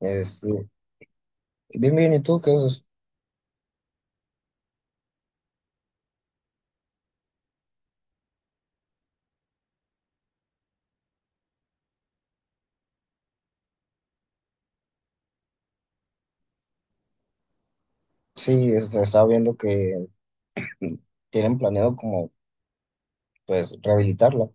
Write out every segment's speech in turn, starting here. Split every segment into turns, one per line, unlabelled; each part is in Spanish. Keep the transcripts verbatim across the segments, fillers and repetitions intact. Este, Bien, bien, ¿y tú qué haces? Sí, este, estaba viendo que tienen planeado como, pues, rehabilitarla.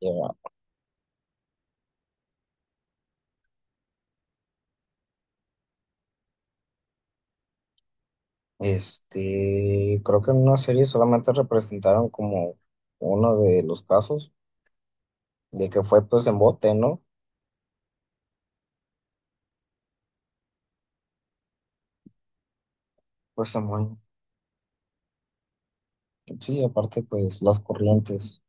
Ya. Este, creo que en una serie solamente representaron como uno de los casos de que fue, pues, en bote, ¿no? Pues, en Sí, aparte, pues, las corrientes.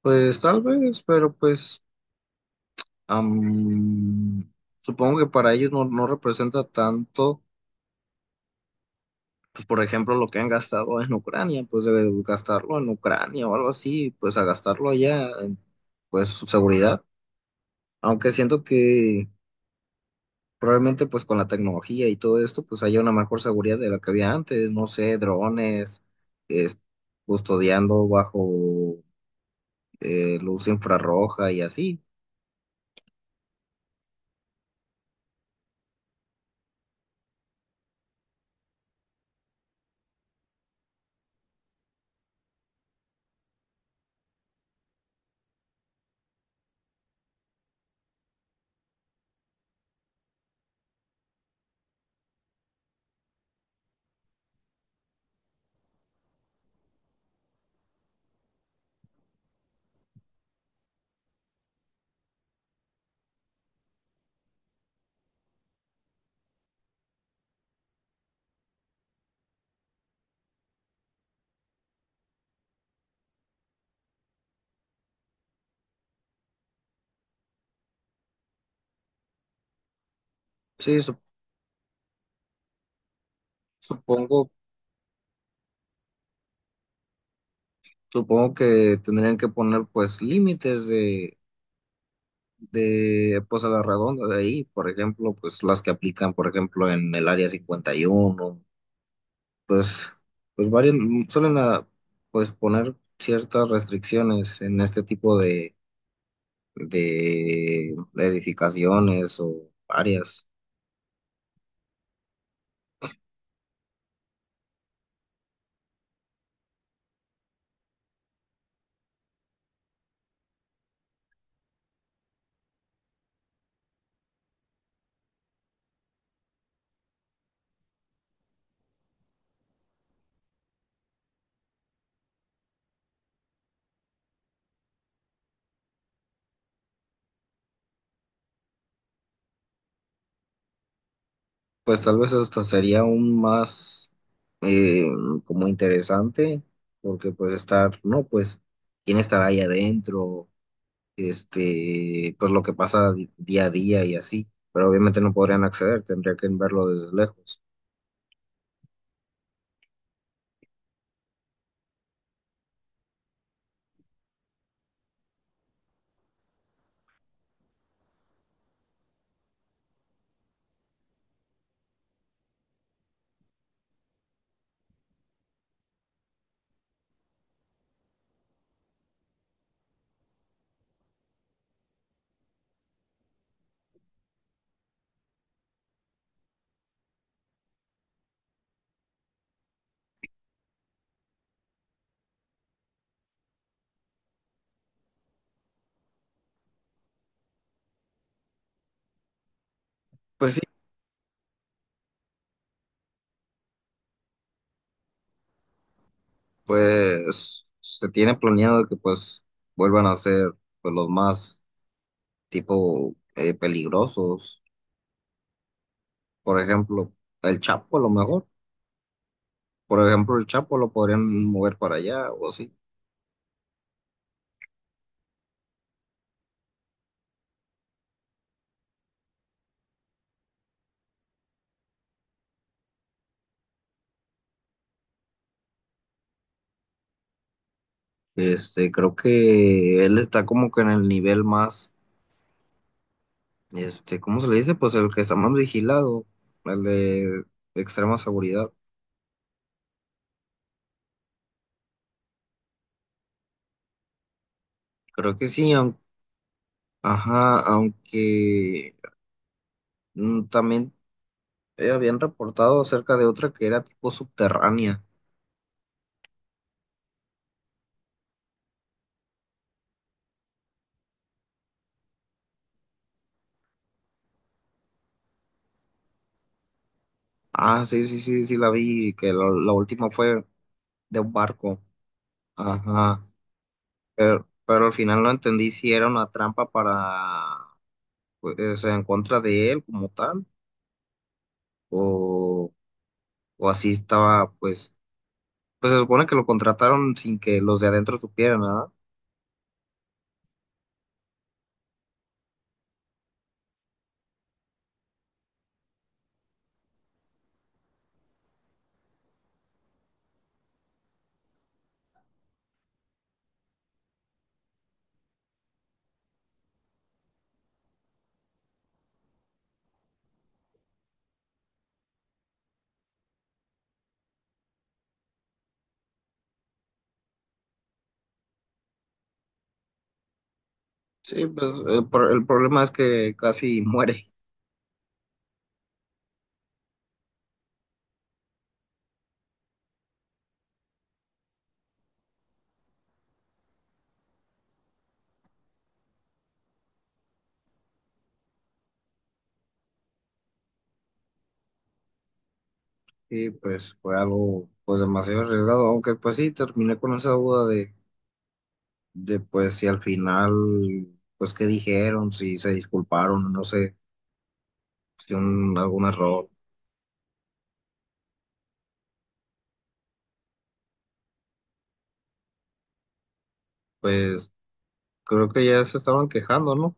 Pues, tal vez, pero pues, am, supongo que para ellos no, no representa tanto, pues por ejemplo, lo que han gastado en Ucrania, pues de gastarlo en Ucrania o algo así, pues a gastarlo allá, en, pues su seguridad. Aunque siento que probablemente pues con la tecnología y todo esto, pues haya una mejor seguridad de la que había antes, no sé, drones, es- custodiando bajo eh, luz infrarroja y así. Sí, sup- supongo, supongo que tendrían que poner pues límites de pues a la redonda de ahí, por ejemplo, pues las que aplican, por ejemplo, en el área cincuenta y uno, pues pues varios suelen ah, pues poner ciertas restricciones en este tipo de de edificaciones o áreas. Pues tal vez esto sería aún más eh, como interesante, porque pues estar, no, pues quién estará ahí adentro, este, pues lo que pasa di- día a día y así, pero obviamente no podrían acceder, tendría que verlo desde lejos. Pues sí, pues se tiene planeado que pues vuelvan a ser pues los más tipo eh, peligrosos, por ejemplo, el Chapo a lo mejor, por ejemplo, el Chapo lo podrían mover para allá o así. Este, creo que él está como que en el nivel más, este, ¿cómo se le dice? Pues el que está más vigilado, el de extrema seguridad. Creo que sí, aun- ajá, aunque mm, también eh, habían reportado acerca de otra que era tipo subterránea. Ah, sí, sí, sí, sí, la vi, que la, la última fue de un barco. Ajá, pero, pero al final no entendí si era una trampa para, pues, o sea, en contra de él como tal, o, o así estaba, pues, pues se supone que lo contrataron sin que los de adentro supieran, ¿verdad? Sí, pues el, pro- el problema es que casi muere. Y pues fue algo pues demasiado arriesgado, aunque pues sí, terminé con esa duda de, de pues si al final, pues qué dijeron, si se disculparon, no sé, si un, algún error, pues creo que ya se estaban quejando, ¿no?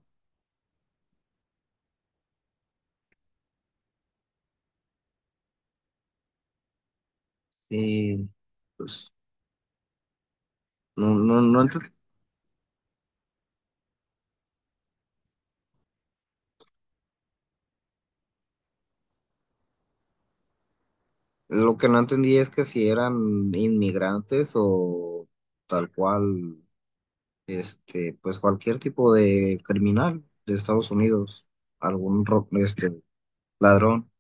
Y pues no, no, no ent- lo que no entendí es que si eran inmigrantes o tal cual, este, pues cualquier tipo de criminal de Estados Unidos, algún ro- este, ladrón.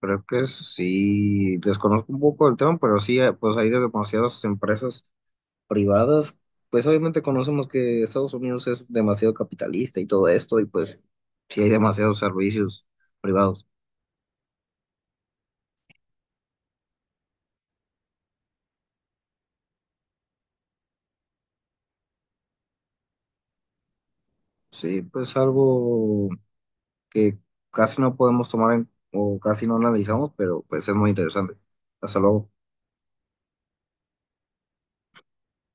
Creo que sí, desconozco un poco el tema, pero sí, eh, pues hay demasiadas empresas privadas. Pues obviamente conocemos que Estados Unidos es demasiado capitalista y todo esto, y pues sí hay demasiados servicios privados. Sí, pues algo que casi no podemos tomar en, o casi no analizamos, pero pues es muy interesante. Hasta luego.